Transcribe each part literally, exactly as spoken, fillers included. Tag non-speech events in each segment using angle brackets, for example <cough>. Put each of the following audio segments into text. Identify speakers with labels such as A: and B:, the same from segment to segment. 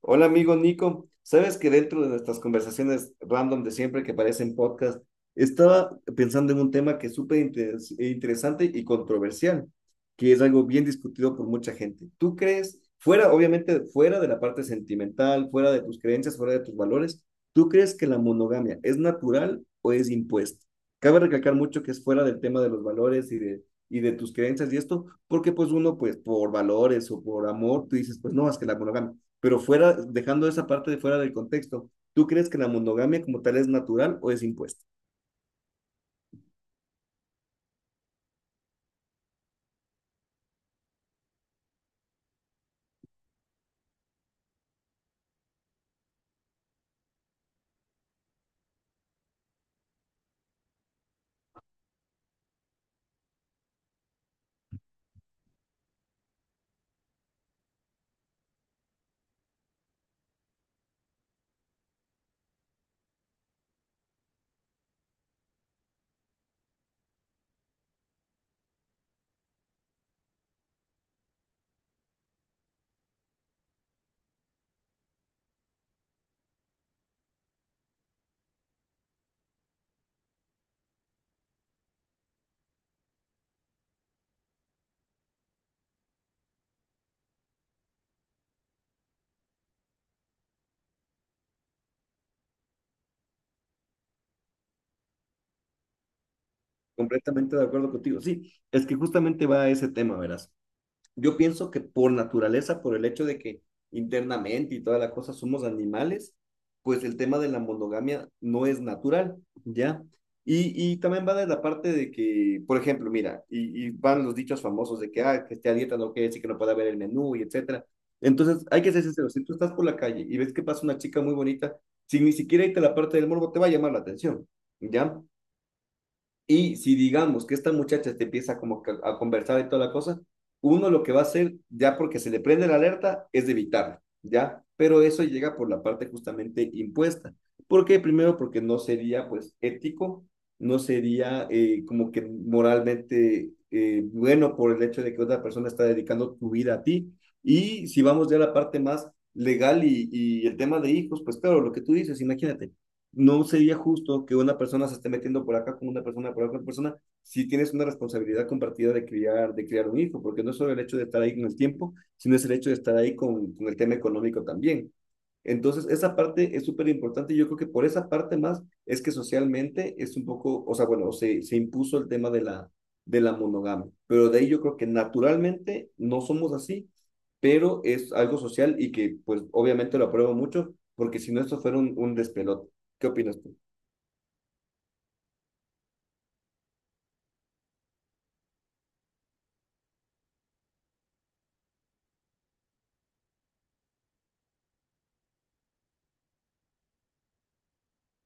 A: Hola amigo Nico, sabes que dentro de nuestras conversaciones random de siempre que parecen podcast, estaba pensando en un tema que es súper interes- interesante y controversial, que es algo bien discutido por mucha gente. ¿Tú crees, fuera, obviamente, fuera de la parte sentimental, fuera de tus creencias, fuera de tus valores, ¿tú crees que la monogamia es natural o es impuesta? Cabe recalcar mucho que es fuera del tema de los valores y de, y de tus creencias y esto, porque pues uno pues por valores o por amor, tú dices, pues no, es que la monogamia. Pero fuera, dejando esa parte de fuera del contexto, ¿tú crees que la monogamia como tal es natural o es impuesta? Completamente de acuerdo contigo. Sí, es que justamente va a ese tema, verás. Yo pienso que por naturaleza, por el hecho de que internamente y toda la cosa somos animales, pues el tema de la monogamia no es natural, ¿ya? Y, y también va de la parte de que, por ejemplo, mira, y, y van los dichos famosos de que, ah, que esté a dieta no quiere decir que no pueda haber el menú y etcétera. Entonces, hay que ser sincero, si tú estás por la calle y ves que pasa una chica muy bonita, sin ni siquiera irte a la parte del morbo, te va a llamar la atención, ¿ya? Y si digamos que esta muchacha te empieza como que a conversar y toda la cosa, uno lo que va a hacer, ya porque se le prende la alerta, es de evitarla, ¿ya? Pero eso llega por la parte justamente impuesta. ¿Por qué? Primero, porque no sería pues ético, no sería eh, como que moralmente eh, bueno, por el hecho de que otra persona está dedicando tu vida a ti. Y si vamos ya a la parte más legal y, y el tema de hijos, pues claro, lo que tú dices, imagínate, no sería justo que una persona se esté metiendo por acá con una persona, por acá con otra persona, si tienes una responsabilidad compartida de criar, de criar un hijo, porque no es solo el hecho de estar ahí con el tiempo, sino es el hecho de estar ahí con, con el tema económico también. Entonces, esa parte es súper importante. Yo creo que por esa parte más es que socialmente es un poco, o sea, bueno, se, se impuso el tema de la, de la monogamia, pero de ahí yo creo que naturalmente no somos así, pero es algo social y que pues obviamente lo apruebo mucho, porque si no esto fuera un, un despelote. ¿Qué opinas tú?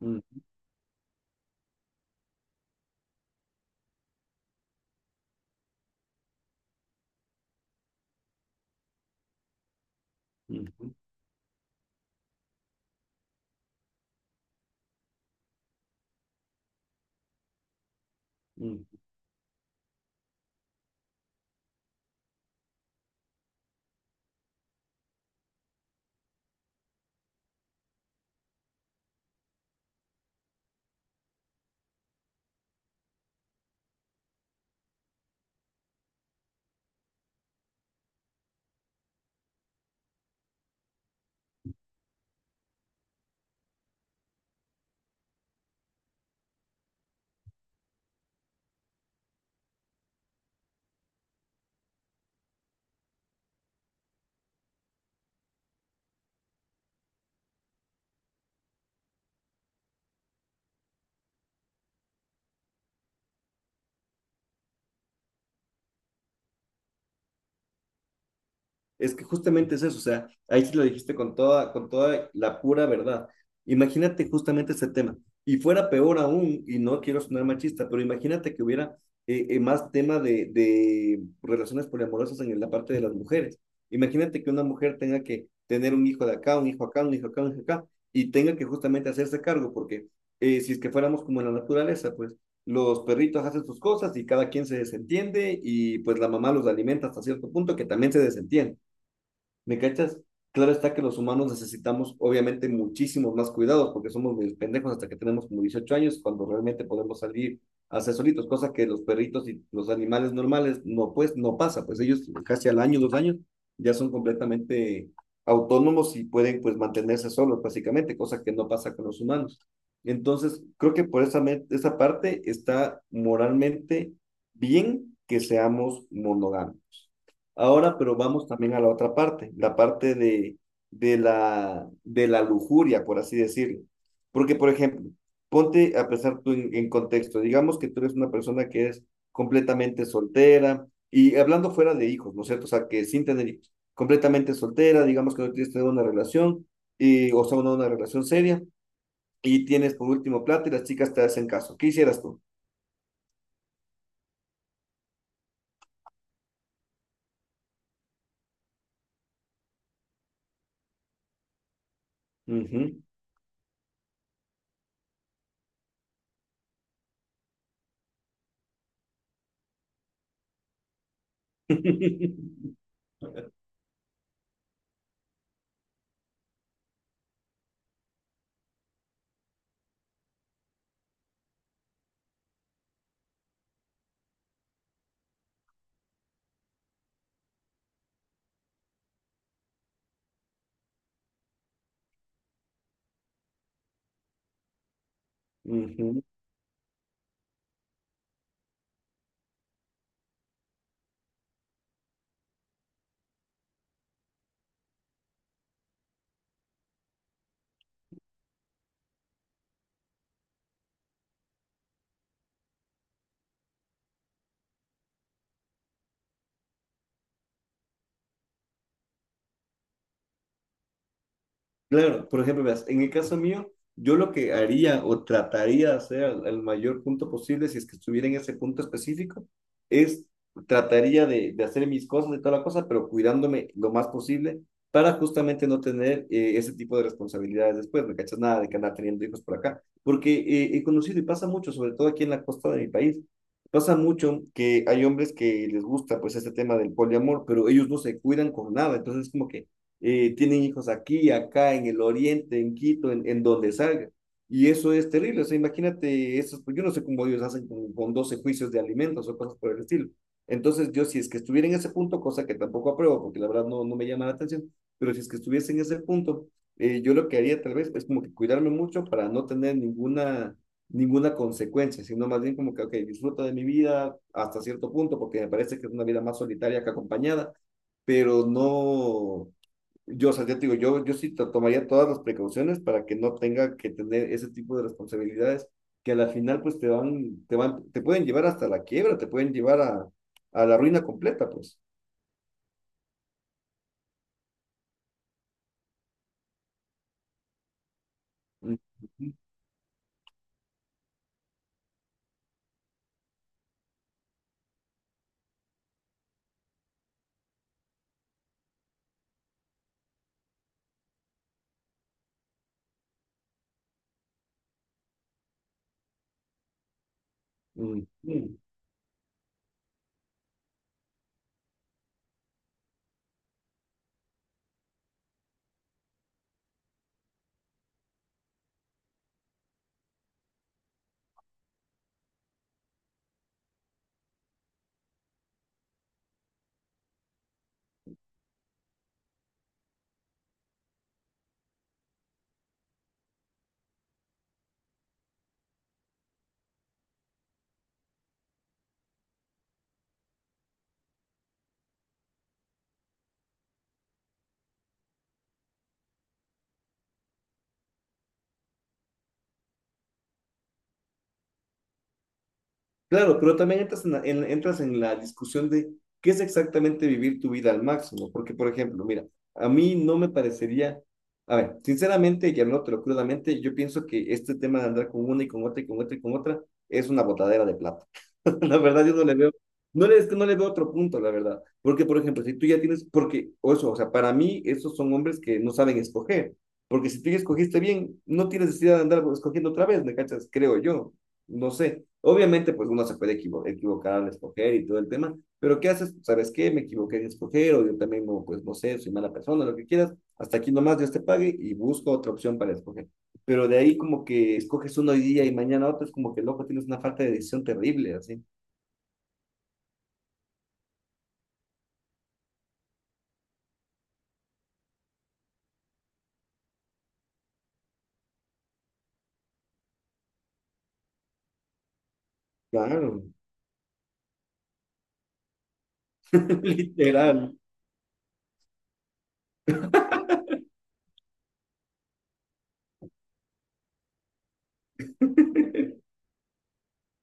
A: Mm, ujú, ujú. Es que justamente es eso, o sea, ahí sí lo dijiste con toda, con toda la pura verdad. Imagínate justamente ese tema. Y fuera peor aún, y no quiero sonar machista, pero imagínate que hubiera eh, eh, más tema de, de relaciones poliamorosas en la parte de las mujeres. Imagínate que una mujer tenga que tener un hijo de acá, un hijo acá, un hijo acá, un hijo acá, y tenga que justamente hacerse cargo, porque eh, si es que fuéramos como en la naturaleza, pues los perritos hacen sus cosas y cada quien se desentiende y pues la mamá los alimenta hasta cierto punto que también se desentiende. ¿Me cachas? Claro está que los humanos necesitamos obviamente muchísimos más cuidados porque somos muy pendejos hasta que tenemos como dieciocho años cuando realmente podemos salir a ser solitos, cosa que los perritos y los animales normales no, pues no pasa, pues ellos casi al año, dos años ya son completamente autónomos y pueden pues mantenerse solos básicamente, cosa que no pasa con los humanos. Entonces, creo que por esa, me- esa parte está moralmente bien que seamos monógamos. Ahora, pero vamos también a la otra parte, la parte de, de la, de la lujuria, por así decirlo. Porque, por ejemplo, ponte a pensar tú en, en contexto, digamos que tú eres una persona que es completamente soltera y hablando fuera de hijos, ¿no es cierto? O sea, que sin tener hijos, completamente soltera, digamos que no tienes tener una relación, y, o sea, una, una relación seria, y tienes por último plata y las chicas te hacen caso. ¿Qué hicieras tú? Ujú. <laughs> Ujú. Claro, por ejemplo, veas, en el caso mío, yo lo que haría o trataría de hacer al, al mayor punto posible, si es que estuviera en ese punto específico, es trataría de, de hacer mis cosas y toda la cosa, pero cuidándome lo más posible para justamente no tener eh, ese tipo de responsabilidades después, ¿me cachas? Nada de que andar teniendo hijos por acá, porque eh, he conocido y pasa mucho, sobre todo aquí en la costa de mi país, pasa mucho que hay hombres que les gusta pues este tema del poliamor, pero ellos no se cuidan con nada, entonces es como que eh, tienen hijos aquí, acá, en el oriente, en Quito, en, en donde salga. Y eso es terrible. O sea, imagínate, eso, yo no sé cómo ellos hacen con, con doce juicios de alimentos o cosas por el estilo. Entonces, yo si es que estuviera en ese punto, cosa que tampoco apruebo, porque la verdad no, no me llama la atención, pero si es que estuviese en ese punto, eh, yo lo que haría tal vez es como que cuidarme mucho para no tener ninguna, ninguna consecuencia, sino más bien como que, ok, disfruto de mi vida hasta cierto punto, porque me parece que es una vida más solitaria que acompañada, pero no, yo, o sea, ya te digo, yo, yo sí to- tomaría todas las precauciones para que no tenga que tener ese tipo de responsabilidades que a la final pues te van, te van, te pueden llevar hasta la quiebra, te pueden llevar a, a la ruina completa, pues. Mm, mm, mm. Claro, pero también entras en la, en- entras en la discusión de qué es exactamente vivir tu vida al máximo. Porque, por ejemplo, mira, a mí no me parecería, a ver, sinceramente, y hablándotelo crudamente, yo pienso que este tema de andar con una y con otra y con otra y con otra es una botadera de plata. <laughs> La verdad, yo no le veo, no le, es que no le veo otro punto, la verdad. Porque, por ejemplo, si tú ya tienes, porque, o eso, o sea, para mí, esos son hombres que no saben escoger. Porque si tú ya escogiste bien, no tienes necesidad de andar escogiendo otra vez, ¿me cachas? Creo yo. No sé. Obviamente, pues uno se puede equivo- equivocar al escoger y todo el tema, pero ¿qué haces? ¿Sabes qué? Me equivoqué en escoger, o yo también, no, pues no sé, soy mala persona, lo que quieras. Hasta aquí nomás Dios te pague y busco otra opción para escoger. Pero de ahí como que escoges uno hoy día y mañana otro, es como que loco, tienes una falta de decisión terrible, así. Claro. <laughs> Literal.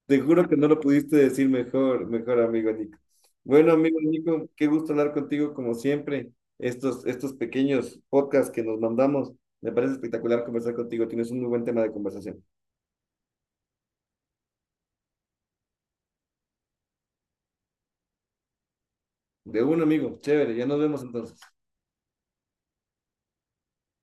A: Te juro que no lo pudiste decir mejor, mejor amigo Nico. Bueno, amigo Nico, qué gusto hablar contigo como siempre. Estos, estos pequeños podcasts que nos mandamos, me parece espectacular conversar contigo. Tienes un muy buen tema de conversación. De un amigo, chévere, ya nos vemos entonces.